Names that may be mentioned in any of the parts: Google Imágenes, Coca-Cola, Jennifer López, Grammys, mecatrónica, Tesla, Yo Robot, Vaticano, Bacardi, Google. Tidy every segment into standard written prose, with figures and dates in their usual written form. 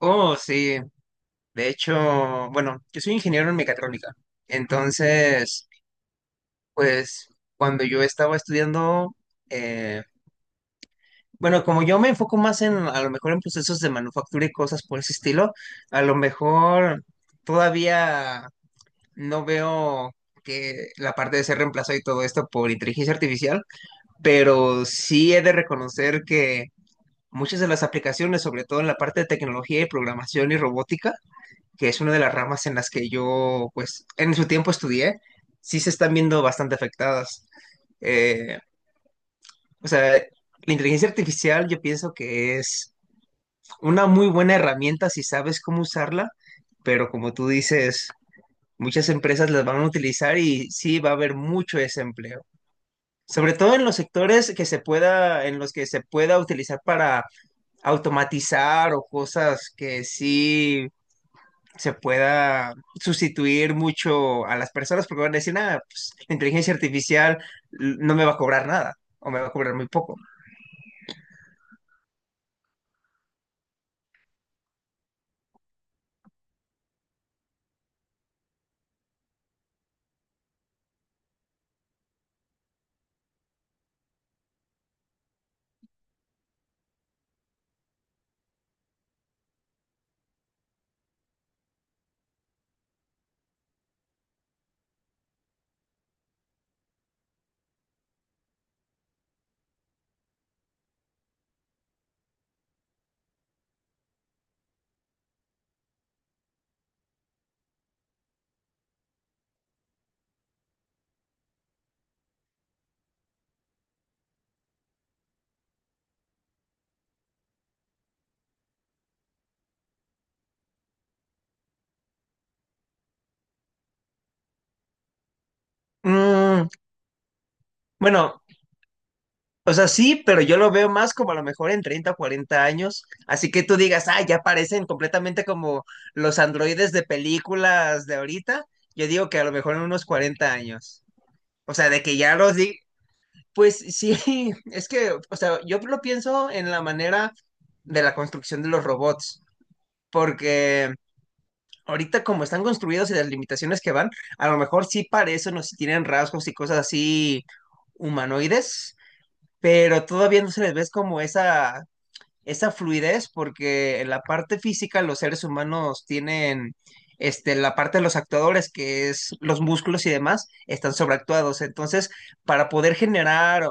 Oh, sí. De hecho, bueno, yo soy ingeniero en mecatrónica. Entonces, pues cuando yo estaba estudiando, eh, bueno, como yo me enfoco más a lo mejor en procesos de manufactura y cosas por ese estilo, a lo mejor todavía no veo que la parte de ser reemplazado y todo esto por inteligencia artificial, pero sí he de reconocer que muchas de las aplicaciones, sobre todo en la parte de tecnología y programación y robótica, que es una de las ramas en las que yo, pues, en su tiempo estudié, sí se están viendo bastante afectadas. Eh, o sea, la inteligencia artificial yo pienso que es una muy buena herramienta si sabes cómo usarla, pero como tú dices, muchas empresas las van a utilizar y sí va a haber mucho desempleo. Sobre todo en los sectores que se pueda, en los que se pueda utilizar para automatizar o cosas que sí se pueda sustituir mucho a las personas porque van a decir, nada, pues, la inteligencia artificial no me va a cobrar nada o me va a cobrar muy poco. Mm, bueno, o sea, sí, pero yo lo veo más como a lo mejor en treinta o 40 años. Así que tú digas, ah, ya parecen completamente como los androides de películas de ahorita. Yo digo que a lo mejor en unos 40 años. O sea, de que ya los di. Pues sí, es que, o sea, yo lo pienso en la manera de la construcción de los robots, porque ahorita como están construidos y las limitaciones que van, a lo mejor sí parecen o sí tienen rasgos y cosas así humanoides, pero todavía no se les ve como esa fluidez, porque en la parte física los seres humanos tienen, este, la parte de los actuadores, que es los músculos y demás, están sobreactuados. Entonces, para poder generar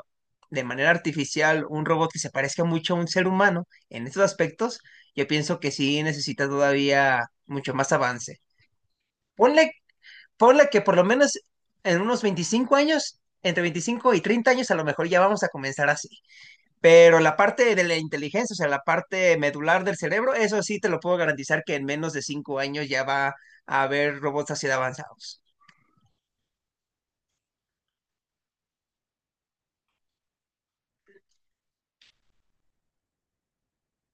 de manera artificial un robot que se parezca mucho a un ser humano en estos aspectos, yo pienso que sí necesita todavía mucho más avance. Ponle, ponle que por lo menos en unos 25 años, entre 25 y 30 años, a lo mejor ya vamos a comenzar así. Pero la parte de la inteligencia, o sea, la parte medular del cerebro, eso sí te lo puedo garantizar que en menos de 5 años ya va a haber robots así de avanzados.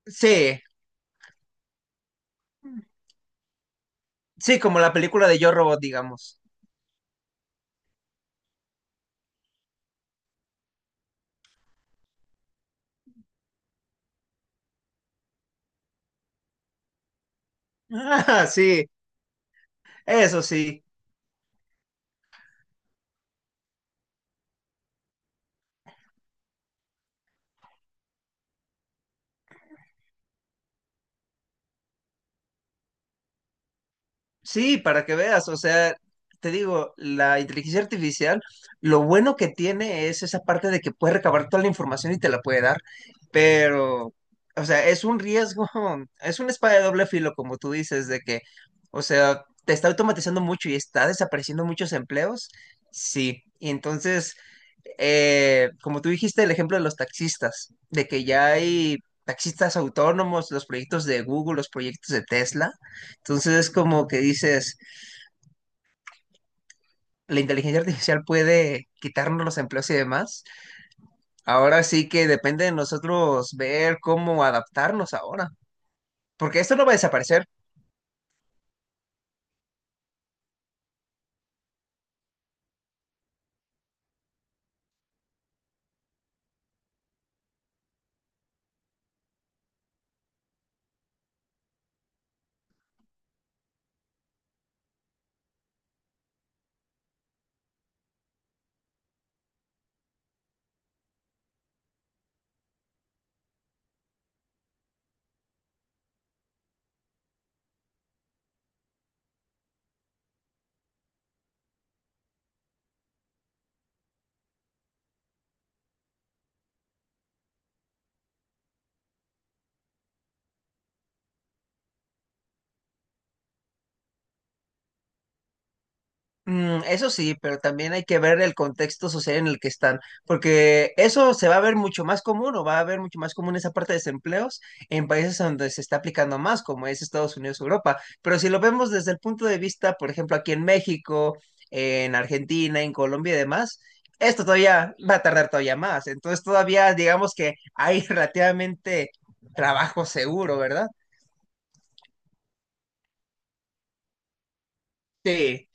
Sí, sí, como la película de Yo Robot, digamos. Ah, sí, eso sí. Sí, para que veas, o sea, te digo, la inteligencia artificial, lo bueno que tiene es esa parte de que puede recabar toda la información y te la puede dar, pero, o sea, es un riesgo, es una espada de doble filo, como tú dices, de que, o sea, te está automatizando mucho y está desapareciendo muchos empleos, sí, y entonces como tú dijiste, el ejemplo de los taxistas, de que ya hay taxistas autónomos, los proyectos de Google, los proyectos de Tesla. Entonces es como que dices, la inteligencia artificial puede quitarnos los empleos y demás. Ahora sí que depende de nosotros ver cómo adaptarnos ahora. Porque esto no va a desaparecer. Mm, eso sí, pero también hay que ver el contexto social en el que están, porque eso se va a ver mucho más común o va a ver mucho más común esa parte de desempleos en países donde se está aplicando más, como es Estados Unidos, Europa. Pero si lo vemos desde el punto de vista, por ejemplo, aquí en México, en Argentina, en Colombia y demás, esto todavía va a tardar todavía más. Entonces todavía digamos que hay relativamente trabajo seguro, ¿verdad? Sí.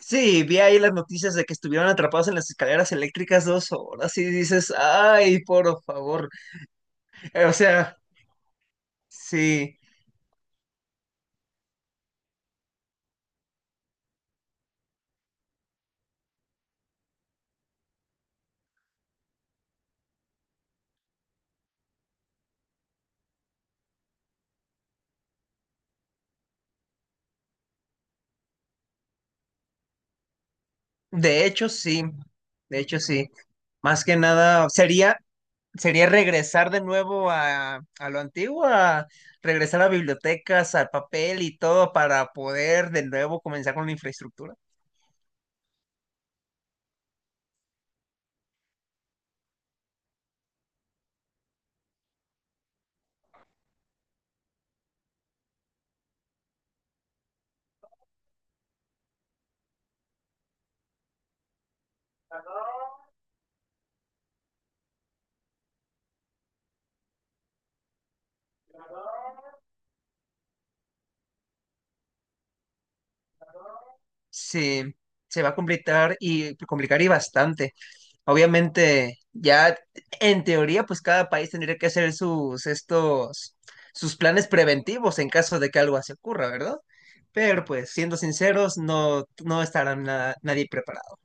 Sí, vi ahí las noticias de que estuvieron atrapados en las escaleras eléctricas 2 horas y dices, ay, por favor. O sea, sí, de hecho sí, de hecho sí. Más que nada, sería, sería regresar de nuevo a lo antiguo, a regresar a bibliotecas, al papel y todo para poder de nuevo comenzar con la infraestructura. Sí, se va a complicar y complicar y bastante. Obviamente, ya en teoría, pues cada país tendría que hacer sus planes preventivos en caso de que algo así ocurra, ¿verdad? Pero pues, siendo sinceros, no, no estará nadie preparado.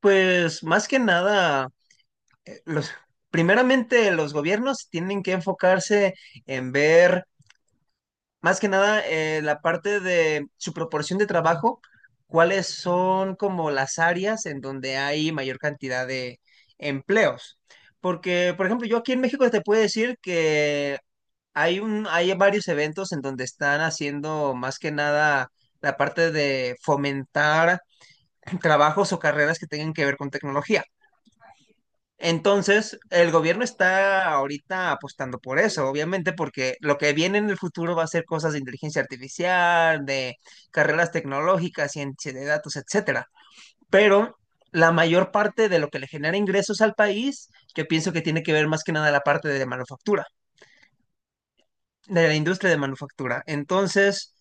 Pues más que nada, eh, los, primeramente los gobiernos tienen que enfocarse en ver. Más que nada, la parte de su proporción de trabajo, ¿cuáles son como las áreas en donde hay mayor cantidad de empleos? Porque, por ejemplo, yo aquí en México te puedo decir que hay varios eventos en donde están haciendo más que nada la parte de fomentar trabajos o carreras que tengan que ver con tecnología. Entonces, el gobierno está ahorita apostando por eso, obviamente, porque lo que viene en el futuro va a ser cosas de inteligencia artificial, de carreras tecnológicas, ciencia de datos, etcétera. Pero la mayor parte de lo que le genera ingresos al país, yo pienso que tiene que ver más que nada la parte de manufactura, de la industria de manufactura. Entonces,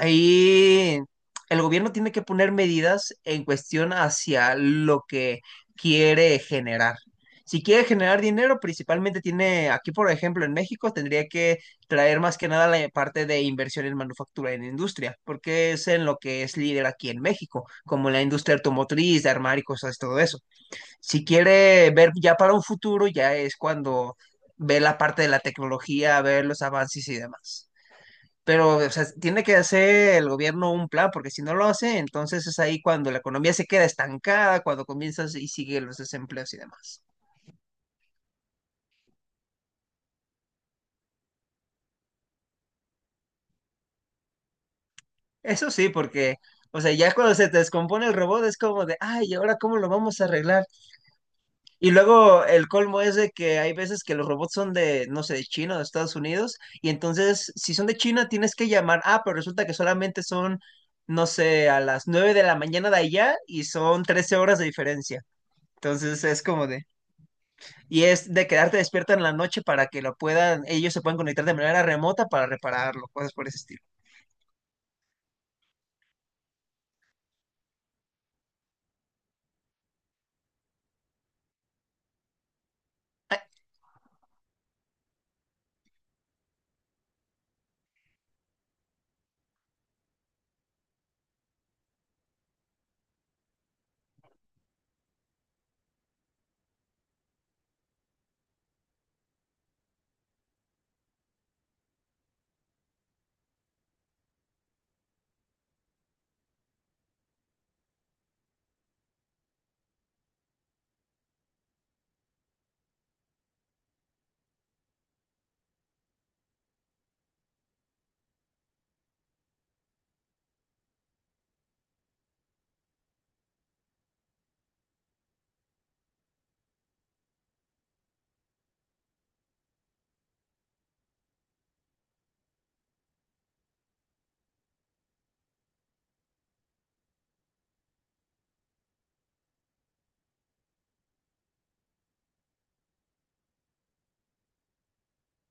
ahí el gobierno tiene que poner medidas en cuestión hacia lo que quiere generar. Si quiere generar dinero, principalmente tiene, aquí por ejemplo en México, tendría que traer más que nada la parte de inversión en manufactura, en industria, porque es en lo que es líder aquí en México, como la industria automotriz, de armar y cosas, todo eso. Si quiere ver ya para un futuro, ya es cuando ve la parte de la tecnología, ver los avances y demás. Pero, o sea, tiene que hacer el gobierno un plan, porque si no lo hace, entonces es ahí cuando la economía se queda estancada, cuando comienzas y sigue los desempleos y demás. Eso sí, porque, o sea, ya cuando se te descompone el robot es como de, ay, ¿y ahora cómo lo vamos a arreglar? Y luego el colmo es de que hay veces que los robots son de, no sé, de China o de Estados Unidos, y entonces, si son de China, tienes que llamar, ah, pero resulta que solamente son, no sé, a las 9 de la mañana de allá y son 13 horas de diferencia. Entonces es como de... Y es de quedarte despierta en la noche para que lo puedan, ellos se puedan conectar de manera remota para repararlo, cosas por ese estilo.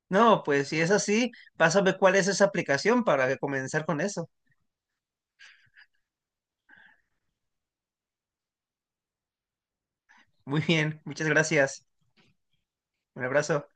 No, pues si es así, pásame cuál es esa aplicación para comenzar con eso. Muy bien, muchas gracias. Un abrazo.